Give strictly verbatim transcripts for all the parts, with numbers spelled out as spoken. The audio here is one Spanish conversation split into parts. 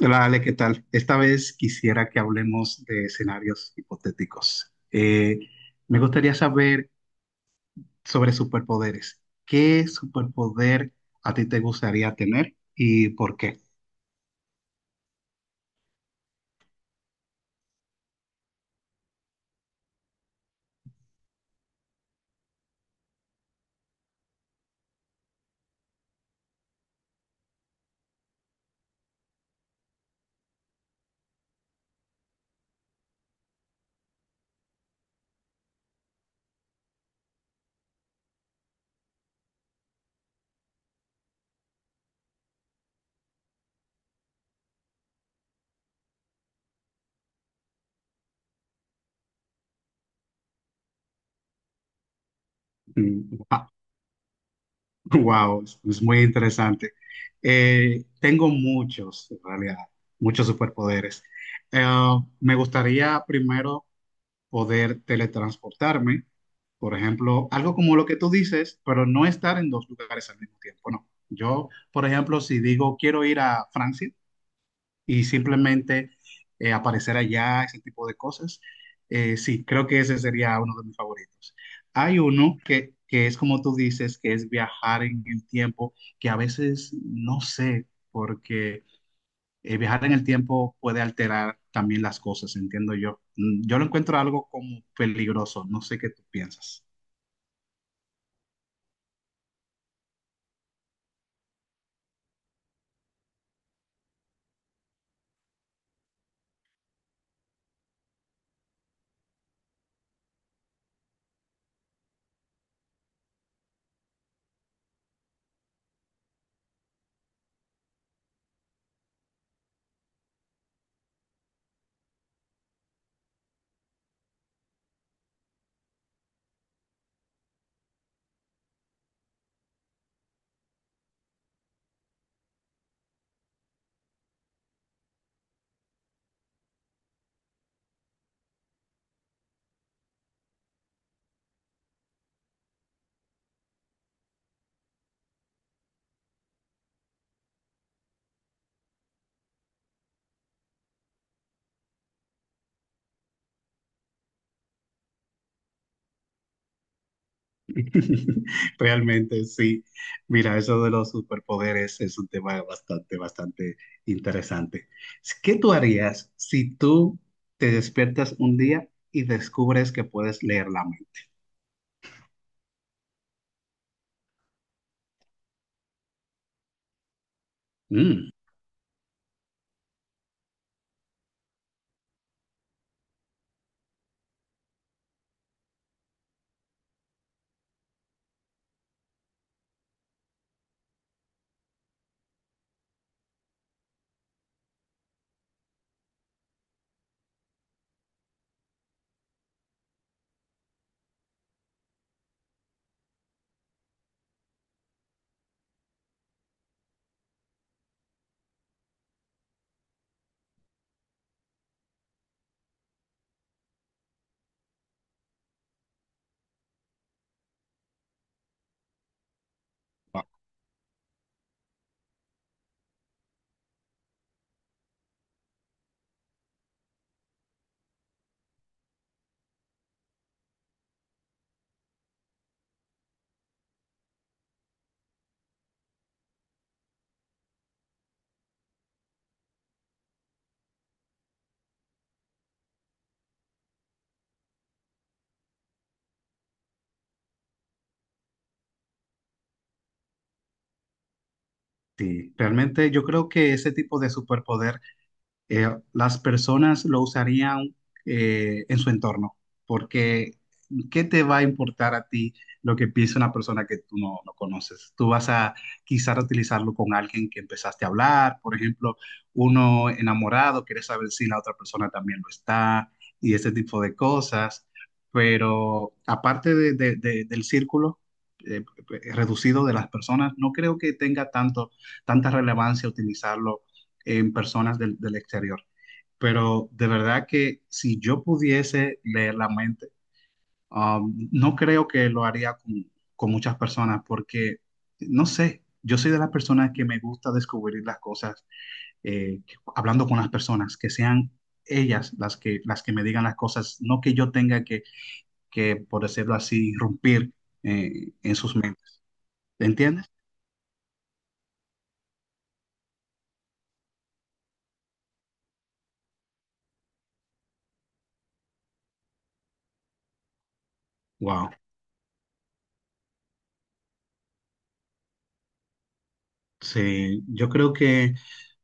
Hola Ale, ¿qué tal? Esta vez quisiera que hablemos de escenarios hipotéticos. Eh, me gustaría saber sobre superpoderes. ¿Qué superpoder a ti te gustaría tener y por qué? Mm, Wow, es es muy interesante. Eh, tengo muchos, en realidad, muchos superpoderes. Eh, Me gustaría primero poder teletransportarme, por ejemplo, algo como lo que tú dices, pero no estar en dos lugares al mismo tiempo, no. Yo, por ejemplo, si digo quiero ir a Francia y simplemente eh, aparecer allá, ese tipo de cosas, eh, sí, creo que ese sería uno de mis favoritos. Hay uno que, que es como tú dices, que es viajar en el tiempo, que a veces no sé, porque eh, viajar en el tiempo puede alterar también las cosas, entiendo yo. Mm, Yo lo encuentro algo como peligroso, no sé qué tú piensas. Realmente sí. Mira, eso de los superpoderes es un tema bastante, bastante interesante. ¿Qué tú harías si tú te despiertas un día y descubres que puedes leer la mente? Mm, sí, realmente yo creo que ese tipo de superpoder eh, las personas lo usarían eh, en su entorno, porque ¿qué te va a importar a ti lo que piensa una persona que tú no, no conoces? Tú vas a quizás utilizarlo con alguien que empezaste a hablar, por ejemplo, uno enamorado, quiere saber si la otra persona también lo está y ese tipo de cosas, pero aparte de- de- de- del círculo. eh, eh, Reducido de las personas, no creo que tenga tanto, tanta relevancia utilizarlo en personas del, del exterior. Pero de verdad que si yo pudiese leer la mente, um, no creo que lo haría con, con muchas personas porque, no sé, yo soy de las personas que me gusta descubrir las cosas eh, hablando con las personas, que sean ellas las que, las que me digan las cosas, no que yo tenga que, que por decirlo así, irrumpir eh, en sus mentes. ¿Entiendes? Wow. Sí, yo creo que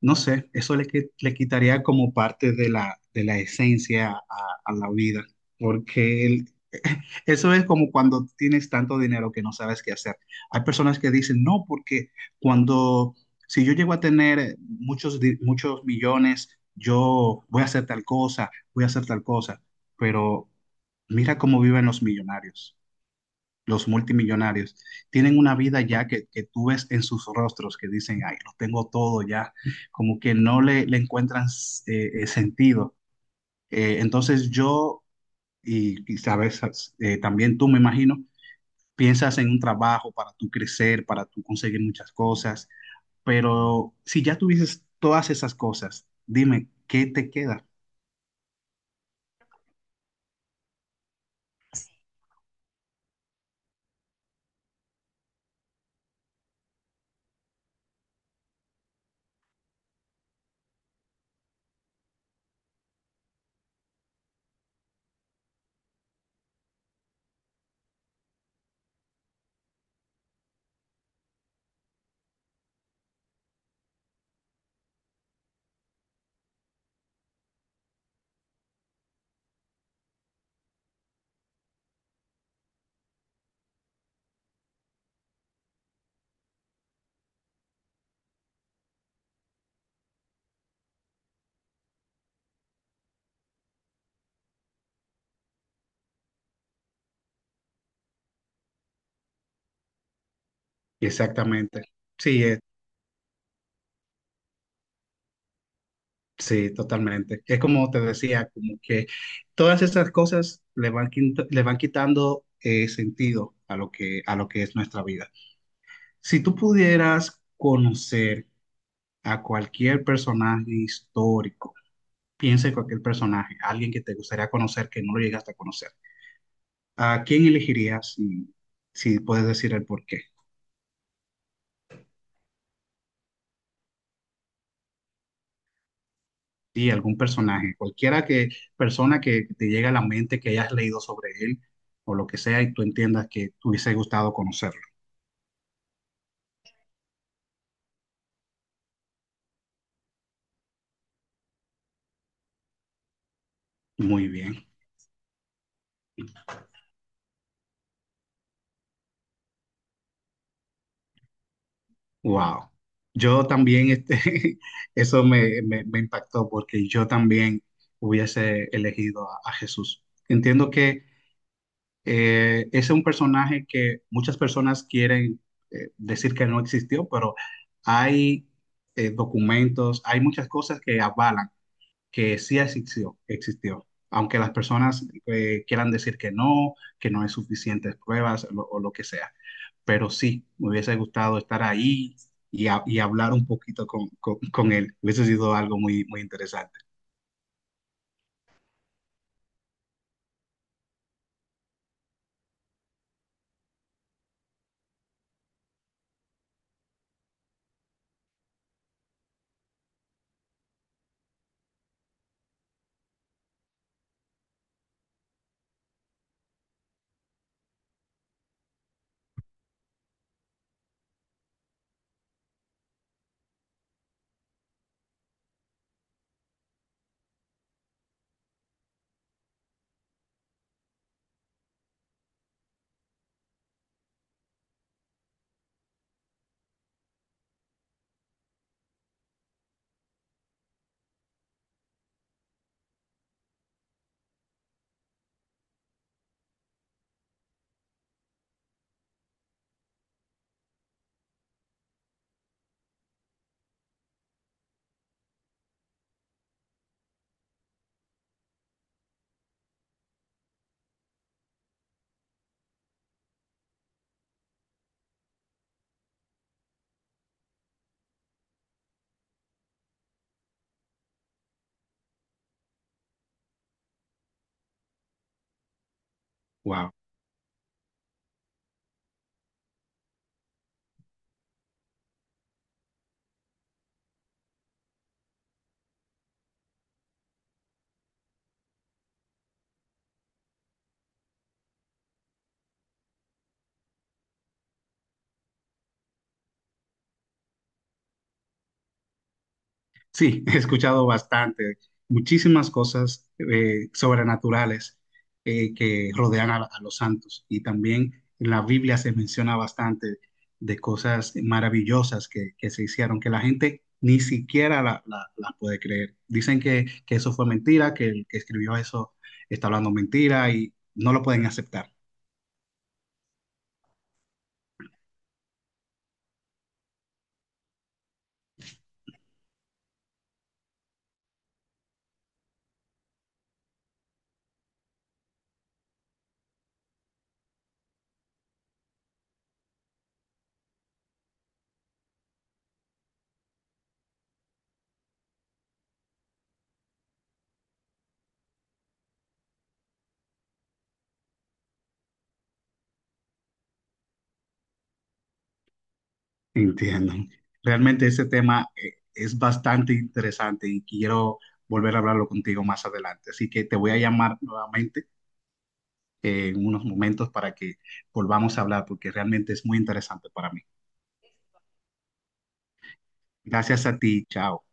no sé, eso le, qui- le quitaría como parte de la, de la esencia a, a la vida, porque el- eso es como cuando tienes tanto dinero que no sabes qué hacer. Hay personas que dicen, no, porque cuando, si yo llego a tener muchos, di- muchos millones, yo voy a hacer tal cosa, voy a hacer tal cosa, pero mira cómo viven los millonarios, los multimillonarios, tienen una vida ya que, que tú ves en sus rostros que dicen, ay, lo tengo todo ya, como que no le, le encuentran eh, eh, sentido. Eh, entonces yo, y y quizás eh, también tú me imagino, piensas en un trabajo para tú crecer, para tú conseguir muchas cosas, pero si ya tuvieses todas esas cosas, dime, ¿qué te queda? Exactamente. Sí, Sí, totalmente. Es como te decía, como que todas esas cosas le van, quint- le van quitando eh, sentido a lo que, a lo que es nuestra vida. Si tú pudieras conocer a cualquier personaje histórico, piensa en cualquier personaje, alguien que te gustaría conocer que no lo llegaste a conocer, ¿a quién elegirías y si puedes decir el por qué? Sí, algún personaje, cualquiera que, persona que te llegue a la mente, que hayas leído sobre él o lo que sea y tú entiendas que te hubiese gustado conocer. Muy bien, wow. Yo también, este, eso me, me- me impactó porque yo también hubiese elegido a, a Jesús. Entiendo que eh, ese es un personaje que muchas personas quieren eh, decir que no existió, pero hay eh, documentos, hay muchas cosas que avalan que sí existió, existió. Aunque las personas eh, quieran decir que no, que no hay suficientes pruebas lo- o lo que sea. pero sí, me hubiese gustado estar ahí y, ha- y hablar un poquito con, con, con él. Hubiese sido algo muy, muy interesante. Wow. Sí, he escuchado bastante, muchísimas cosas eh, sobrenaturales eh, que rodean a, a los santos. Y también en la Biblia se menciona bastante de cosas maravillosas que, que se hicieron, que la gente ni siquiera la, la- la puede creer. Dicen que, que eso fue mentira, que el que escribió eso está hablando mentira y no lo pueden aceptar. Entiendo. Realmente ese tema eh, es bastante interesante y quiero volver a hablarlo contigo más adelante. Así que te voy a llamar nuevamente eh, en unos momentos para que volvamos a hablar porque realmente es muy interesante para mí. Gracias a ti. Chao.